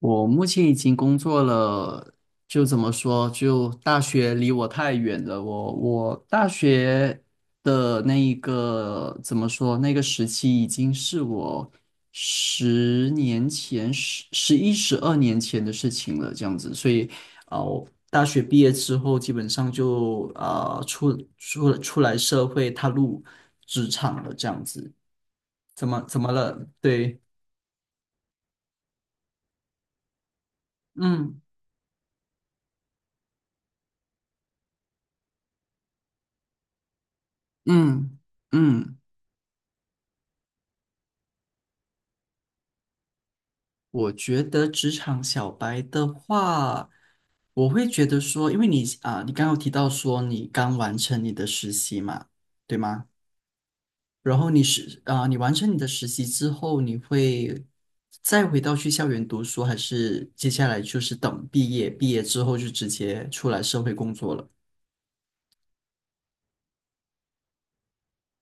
我目前已经工作了，就怎么说，就大学离我太远了。我大学的那一个怎么说，那个时期已经是我10年前、十一、12年前的事情了，这样子。所以，我大学毕业之后，基本上就出来社会，踏入职场了，这样子。怎么了？对，嗯嗯。嗯我觉得职场小白的话，我会觉得说，因为你你刚刚有提到说你刚完成你的实习嘛，对吗？然后你是啊、你完成你的实习之后，你会再回到去校园读书，还是接下来就是等毕业，毕业之后就直接出来社会工作了？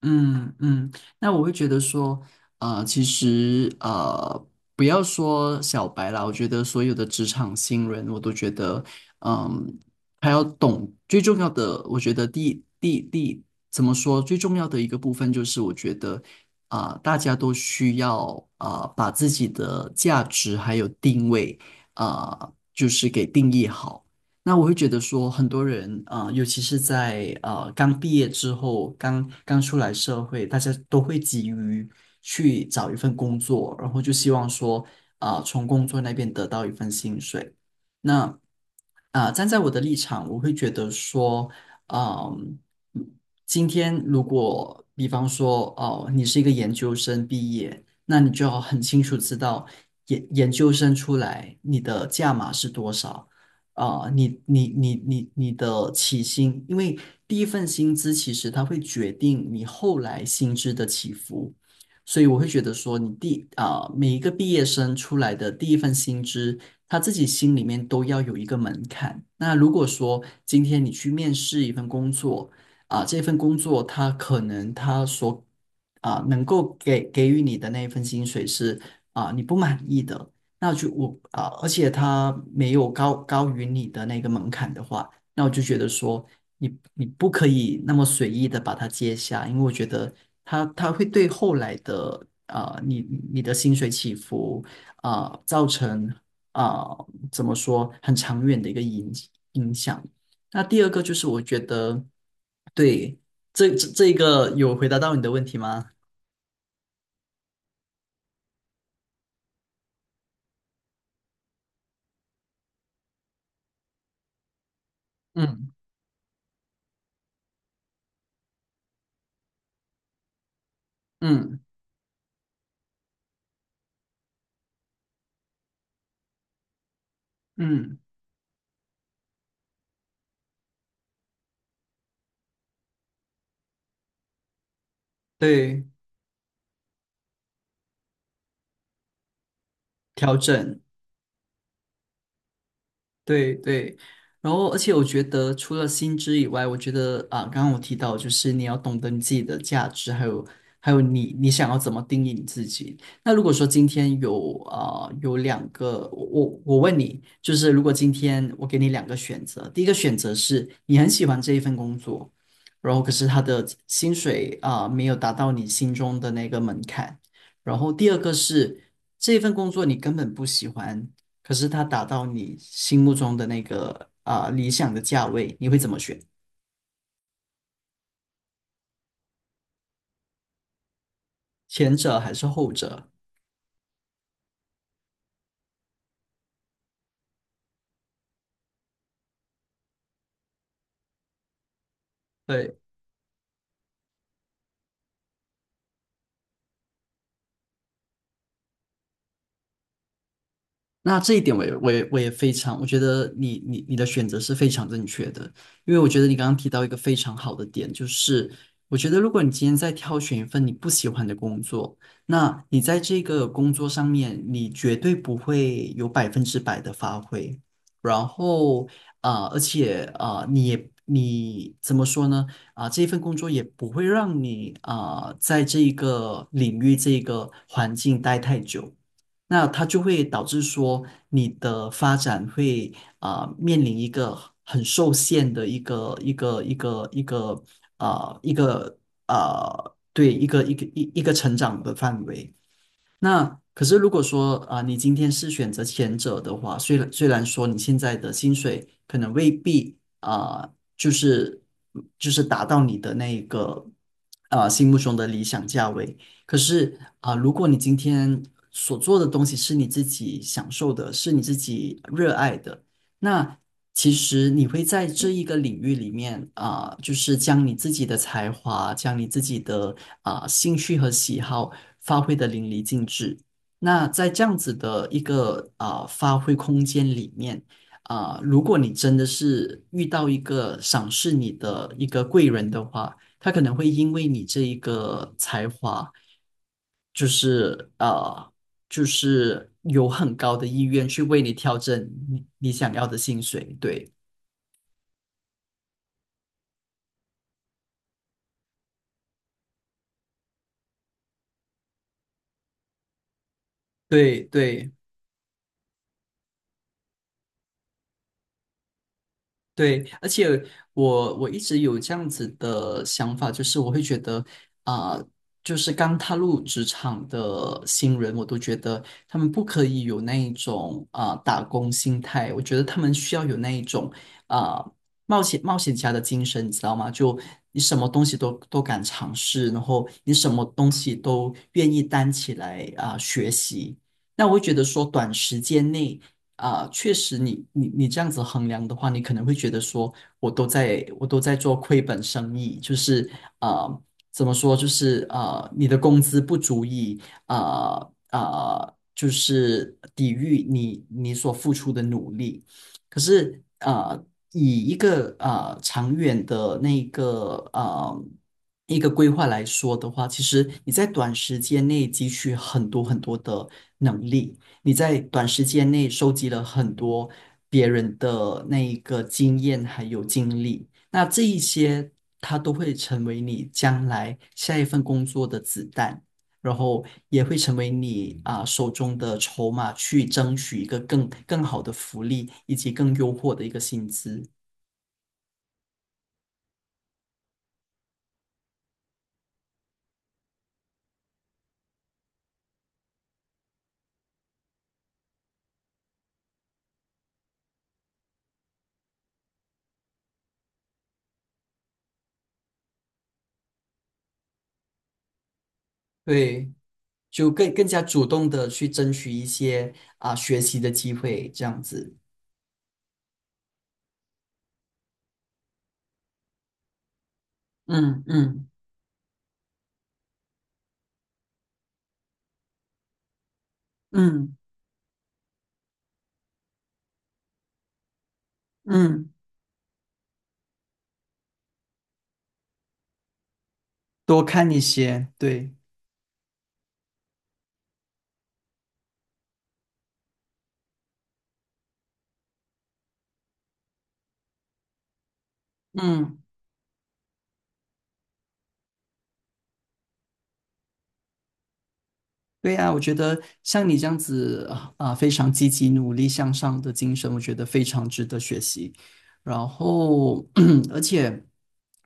嗯嗯，那我会觉得说，其实不要说小白啦，我觉得所有的职场新人，我都觉得，嗯，还要懂最重要的，我觉得第第第怎么说，最重要的一个部分就是，我觉得大家都需要把自己的价值还有定位就是给定义好。那我会觉得说，很多人尤其是在刚毕业之后，刚刚出来社会，大家都会急于去找一份工作，然后就希望说，从工作那边得到一份薪水。那站在我的立场，我会觉得说，嗯、今天如果比方说，哦、你是一个研究生毕业，那你就要很清楚知道研究生出来你的价码是多少。你的起薪，因为第一份薪资其实它会决定你后来薪资的起伏，所以我会觉得说你第啊、每一个毕业生出来的第一份薪资，他自己心里面都要有一个门槛。那如果说今天你去面试一份工作，这份工作它可能它所能够给予你的那一份薪水是你不满意的。那就我啊，而且他没有高于你的那个门槛的话，那我就觉得说你不可以那么随意的把它接下，因为我觉得他会对后来的你的薪水起伏造成怎么说很长远的一个影响。那第二个就是我觉得。对，这个有回答到你的问题吗？嗯嗯嗯，对，调整。对对，然后而且我觉得除了薪资以外，我觉得刚刚我提到就是你要懂得你自己的价值，还有你想要怎么定义你自己。那如果说今天有两个，我问你，就是如果今天我给你两个选择，第一个选择是你很喜欢这一份工作，然后可是他的薪水没有达到你心中的那个门槛，然后第二个是这份工作你根本不喜欢。可是它达到你心目中的那个理想的价位，你会怎么选？前者还是后者？对。那这一点我也非常，我觉得你的选择是非常正确的，因为我觉得你刚刚提到一个非常好的点，就是我觉得如果你今天在挑选一份你不喜欢的工作，那你在这个工作上面，你绝对不会有100%的发挥，然后而且你怎么说呢？这份工作也不会让你在这一个领域这一个环境待太久。那它就会导致说你的发展会面临一个很受限的一个啊一个啊成长的范围。那可是如果说你今天是选择前者的话，虽然说你现在的薪水可能未必就是就是达到你的那一个心目中的理想价位，可是如果你今天所做的东西是你自己享受的，是你自己热爱的。那其实你会在这一个领域里面就是将你自己的才华，将你自己的兴趣和喜好发挥得淋漓尽致。那在这样子的一个发挥空间里面如果你真的是遇到一个赏识你的一个贵人的话，他可能会因为你这一个才华。就是就是有很高的意愿去为你调整你想要的薪水。对，对，对。对，而且我一直有这样子的想法，就是我会觉得啊、就是刚踏入职场的新人，我都觉得他们不可以有那一种打工心态，我觉得他们需要有那一种啊、冒险家的精神，你知道吗？就你什么东西都敢尝试，然后你什么东西都愿意担起来学习。那我会觉得说，短时间内。确实你这样子衡量的话，你可能会觉得说，我都在做亏本生意，就是啊、呃怎么说，就是你的工资不足以啊啊、呃就是抵御你所付出的努力。可是以一个长远的那个一个规划来说的话，其实你在短时间内汲取很多很多的能力。你在短时间内收集了很多别人的那一个经验还有经历，那这一些它都会成为你将来下一份工作的子弹，然后也会成为你手中的筹码，去争取一个更好的福利以及更优渥的一个薪资。对，就更加主动的去争取一些学习的机会，这样子。嗯嗯嗯嗯。多看一些，对，嗯。对啊，我觉得像你这样子非常积极、努力向上的精神，我觉得非常值得学习。然后，而且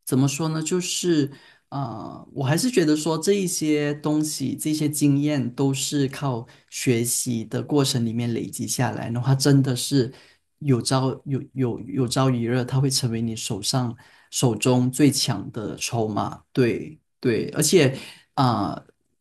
怎么说呢，就是我还是觉得说这一些东西、这些经验都是靠学习的过程里面累积下来的话，真的是有朝一日，它会成为你手中最强的筹码。对对，而且。啊、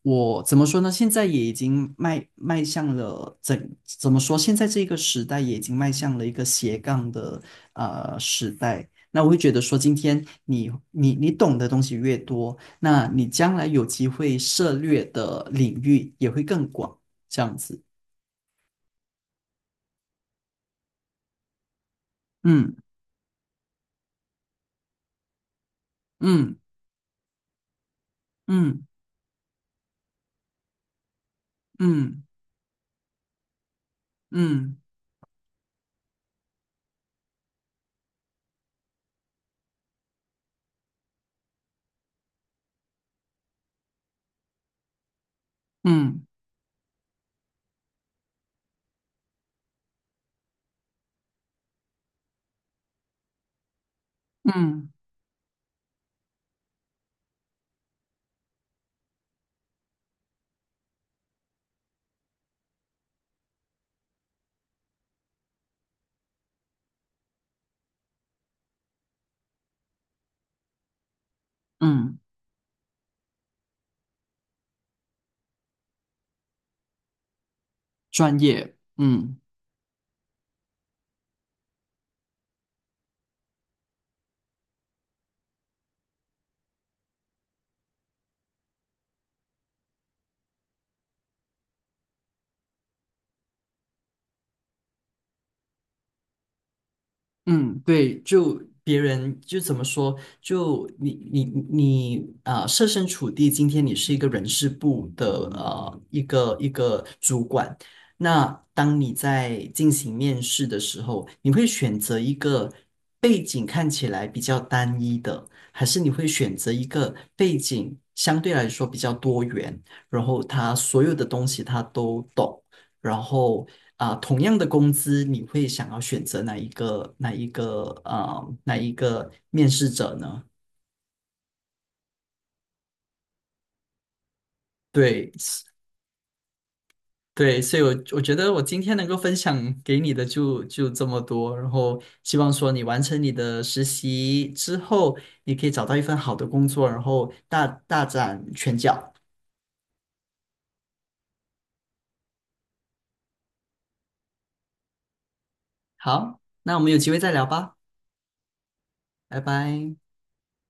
我怎么说呢？现在也已经迈向了怎么说？现在这个时代也已经迈向了一个斜杠的时代。那我会觉得说，今天你懂的东西越多，那你将来有机会涉猎的领域也会更广，这样子。嗯嗯嗯嗯嗯嗯嗯嗯嗯，专业。嗯。嗯，对，就别人就怎么说，就你设身处地，今天你是一个人事部的一个主管，那当你在进行面试的时候，你会选择一个背景看起来比较单一的，还是你会选择一个背景相对来说比较多元，然后他所有的东西他都懂？然后同样的工资，你会想要选择哪一个面试者呢？对是对，所以我觉得我今天能够分享给你的就这么多，然后希望说你完成你的实习之后，你可以找到一份好的工作，然后大展拳脚。好，那我们有机会再聊吧，拜拜。